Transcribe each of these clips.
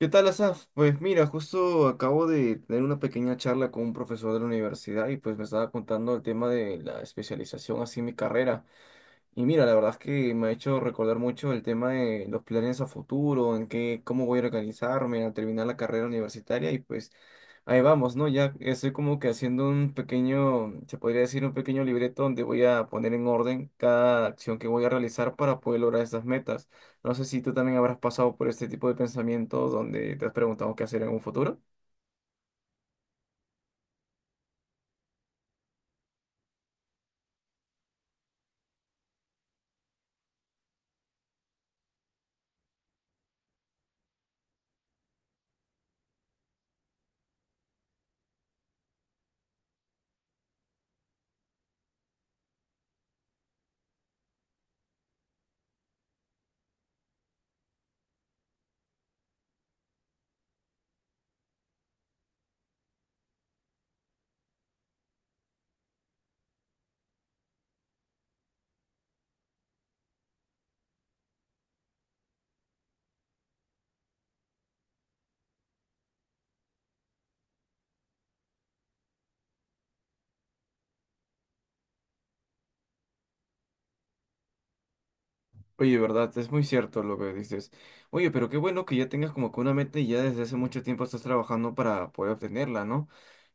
¿Qué tal, Asaf? Pues mira, justo acabo de tener una pequeña charla con un profesor de la universidad y pues me estaba contando el tema de la especialización, así mi carrera. Y mira, la verdad es que me ha hecho recordar mucho el tema de los planes a futuro, en qué, cómo voy a organizarme al terminar la carrera universitaria y pues ahí vamos, ¿no? Ya estoy como que haciendo un pequeño, se podría decir un pequeño libreto donde voy a poner en orden cada acción que voy a realizar para poder lograr esas metas. No sé si tú también habrás pasado por este tipo de pensamientos donde te has preguntado qué hacer en un futuro. Oye, verdad, es muy cierto lo que dices. Oye, pero qué bueno que ya tengas como que una meta y ya desde hace mucho tiempo estás trabajando para poder obtenerla, ¿no?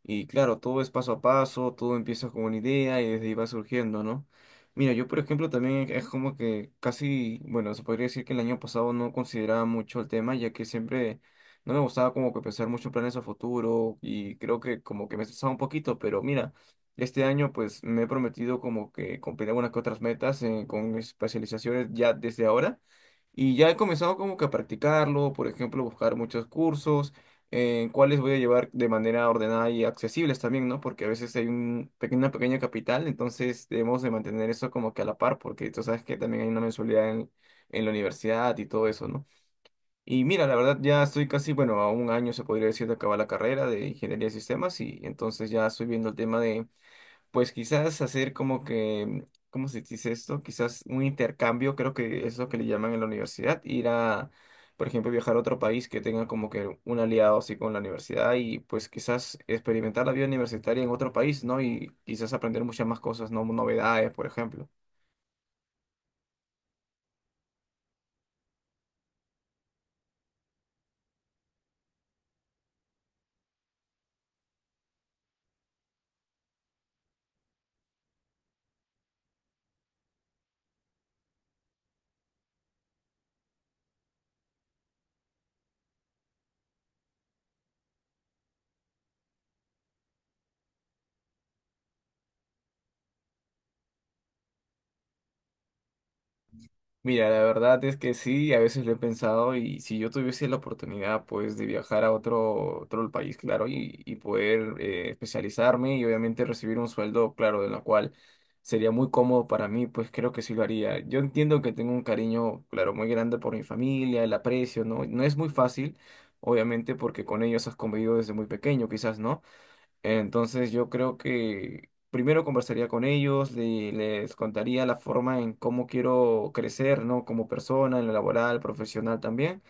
Y claro, todo es paso a paso, todo empieza con una idea y desde ahí va surgiendo, ¿no? Mira, yo por ejemplo también es como que casi, bueno, se podría decir que el año pasado no consideraba mucho el tema, ya que siempre no me gustaba como que pensar mucho en planes a futuro y creo que como que me estresaba un poquito, pero mira. Este año pues me he prometido como que cumplir algunas que otras metas con mis especializaciones ya desde ahora y ya he comenzado como que a practicarlo, por ejemplo, buscar muchos cursos en cuáles voy a llevar de manera ordenada y accesibles también, ¿no? Porque a veces hay un pequeña, una pequeña capital, entonces debemos de mantener eso como que a la par porque tú sabes que también hay una mensualidad en la universidad y todo eso, ¿no? Y mira, la verdad ya estoy casi, bueno, a un año se podría decir de acabar la carrera de ingeniería de sistemas y entonces ya estoy viendo el tema de pues quizás hacer como que, ¿cómo se dice esto? Quizás un intercambio, creo que es lo que le llaman en la universidad, ir a, por ejemplo, viajar a otro país que tenga como que un aliado así con la universidad y pues quizás experimentar la vida universitaria en otro país, ¿no? Y quizás aprender muchas más cosas, ¿no? Novedades, por ejemplo. Mira, la verdad es que sí, a veces lo he pensado y si yo tuviese la oportunidad pues de viajar a otro, otro país, claro, y poder especializarme y obviamente recibir un sueldo, claro, de lo cual sería muy cómodo para mí, pues creo que sí lo haría. Yo entiendo que tengo un cariño, claro, muy grande por mi familia, el aprecio, ¿no? No es muy fácil, obviamente, porque con ellos has convivido desde muy pequeño, quizás, ¿no? Entonces yo creo que primero conversaría con ellos, les contaría la forma en cómo quiero crecer, ¿no? Como persona, en lo laboral, profesional también.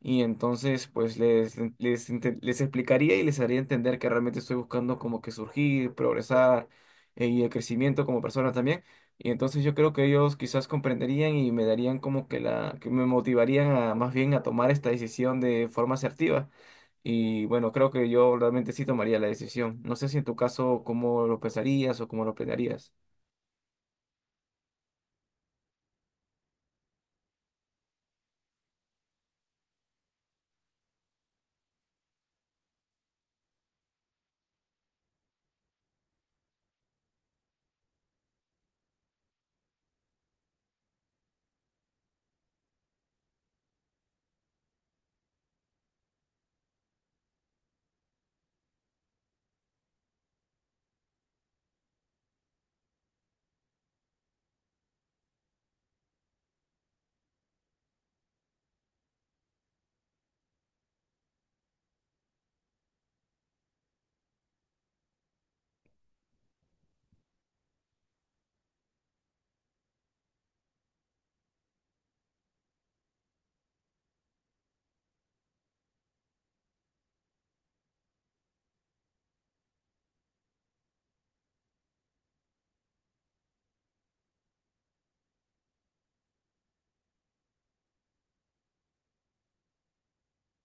Y entonces pues les explicaría y les haría entender que realmente estoy buscando como que surgir, progresar y el crecimiento como persona también. Y entonces yo creo que ellos quizás comprenderían y me darían como que la, que me motivarían a más bien a tomar esta decisión de forma asertiva. Y bueno, creo que yo realmente sí tomaría la decisión. No sé si en tu caso cómo lo pensarías o cómo lo planearías.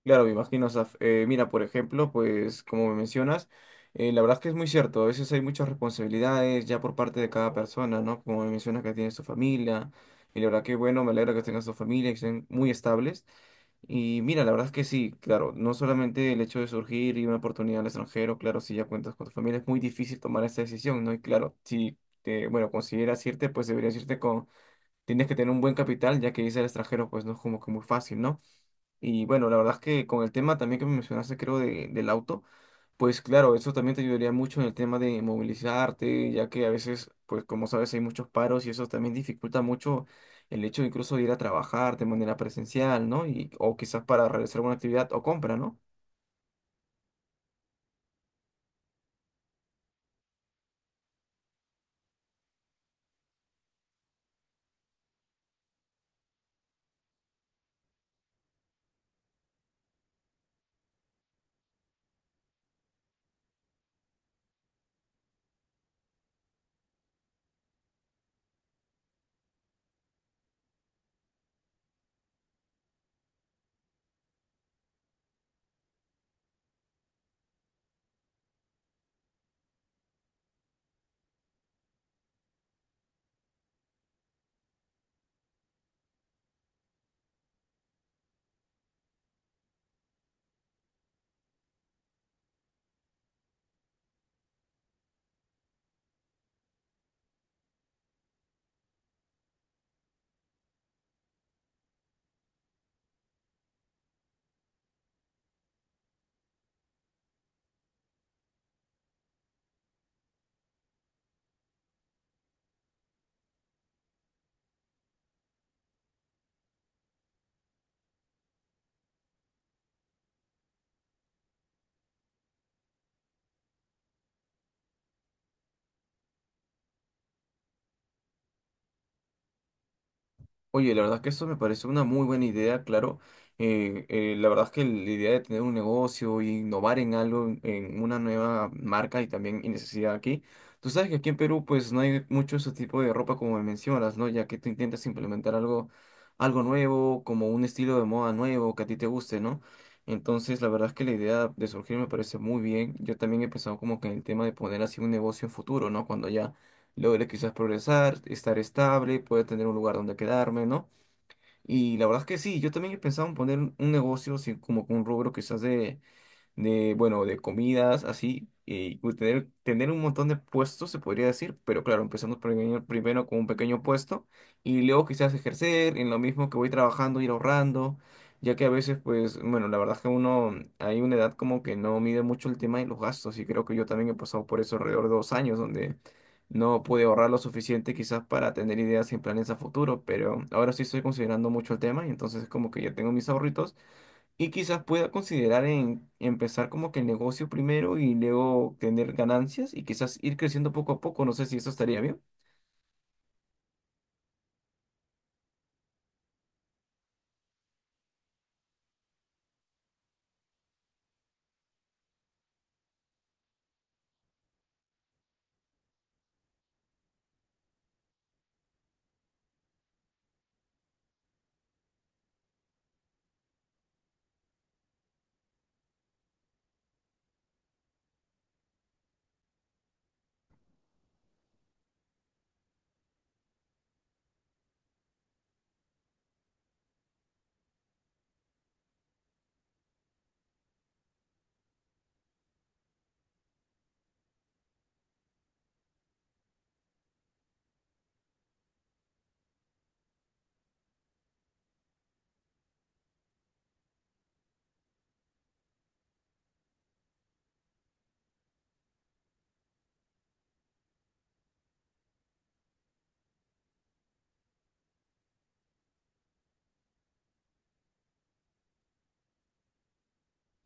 Claro, me imagino, Saf. Mira, por ejemplo, pues como me mencionas, la verdad es que es muy cierto, a veces hay muchas responsabilidades ya por parte de cada persona, ¿no? Como me mencionas que tienes tu familia, y la verdad que bueno, me alegra que tengas tu familia, y que estén muy estables. Y mira, la verdad es que sí, claro, no solamente el hecho de surgir y una oportunidad al extranjero, claro, si ya cuentas con tu familia, es muy difícil tomar esta decisión, ¿no? Y claro, si te, bueno, consideras irte, pues deberías irte con, tienes que tener un buen capital, ya que irse al extranjero, pues no es como que muy fácil, ¿no? Y bueno, la verdad es que con el tema también que me mencionaste, creo, del auto, pues claro, eso también te ayudaría mucho en el tema de movilizarte, ya que a veces, pues como sabes, hay muchos paros y eso también dificulta mucho el hecho incluso de ir a trabajar de manera presencial, ¿no? Y, o quizás para realizar alguna actividad o compra, ¿no? Oye, la verdad es que eso me parece una muy buena idea, claro. La verdad es que la idea de tener un negocio e innovar en algo, en una nueva marca y también y necesidad aquí. Tú sabes que aquí en Perú pues no hay mucho ese tipo de ropa como me mencionas, ¿no? Ya que tú intentas implementar algo, algo nuevo, como un estilo de moda nuevo que a ti te guste, ¿no? Entonces, la verdad es que la idea de surgir me parece muy bien. Yo también he pensado como que en el tema de poner así un negocio en futuro, ¿no? Cuando ya logre quizás progresar, estar estable, poder tener un lugar donde quedarme, ¿no? Y la verdad es que sí, yo también he pensado en poner un negocio, así como con un rubro quizás de bueno, de comidas, así, y tener, tener un montón de puestos, se podría decir, pero claro, empezando primero, primero con un pequeño puesto y luego quizás ejercer en lo mismo que voy trabajando, ir ahorrando, ya que a veces, pues, bueno, la verdad es que uno, hay una edad como que no mide mucho el tema de los gastos y creo que yo también he pasado por eso alrededor de 2 años, donde… No pude ahorrar lo suficiente quizás para tener ideas y planes a futuro, pero ahora sí estoy considerando mucho el tema y entonces como que ya tengo mis ahorritos y quizás pueda considerar en empezar como que el negocio primero y luego tener ganancias y quizás ir creciendo poco a poco. No sé si eso estaría bien.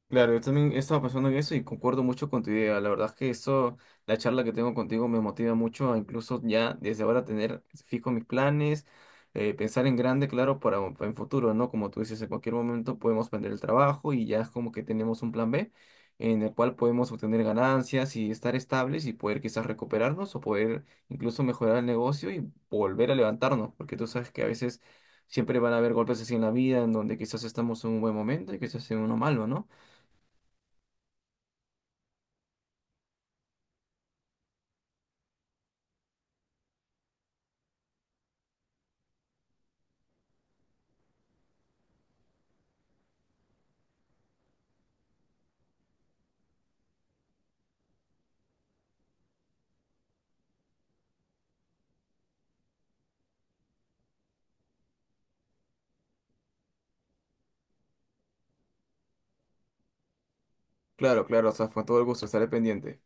Claro, yo también estaba pensando en eso y concuerdo mucho con tu idea. La verdad es que eso, la charla que tengo contigo me motiva mucho a incluso ya desde ahora tener fijo mis planes, pensar en grande, claro, para en futuro, ¿no? Como tú dices, en cualquier momento podemos perder el trabajo y ya es como que tenemos un plan B en el cual podemos obtener ganancias y estar estables y poder quizás recuperarnos o poder incluso mejorar el negocio y volver a levantarnos, porque tú sabes que a veces siempre van a haber golpes así en la vida en donde quizás estamos en un buen momento y quizás en uno malo, ¿no? Claro, claro, o sea, fue todo el gusto, estaré pendiente.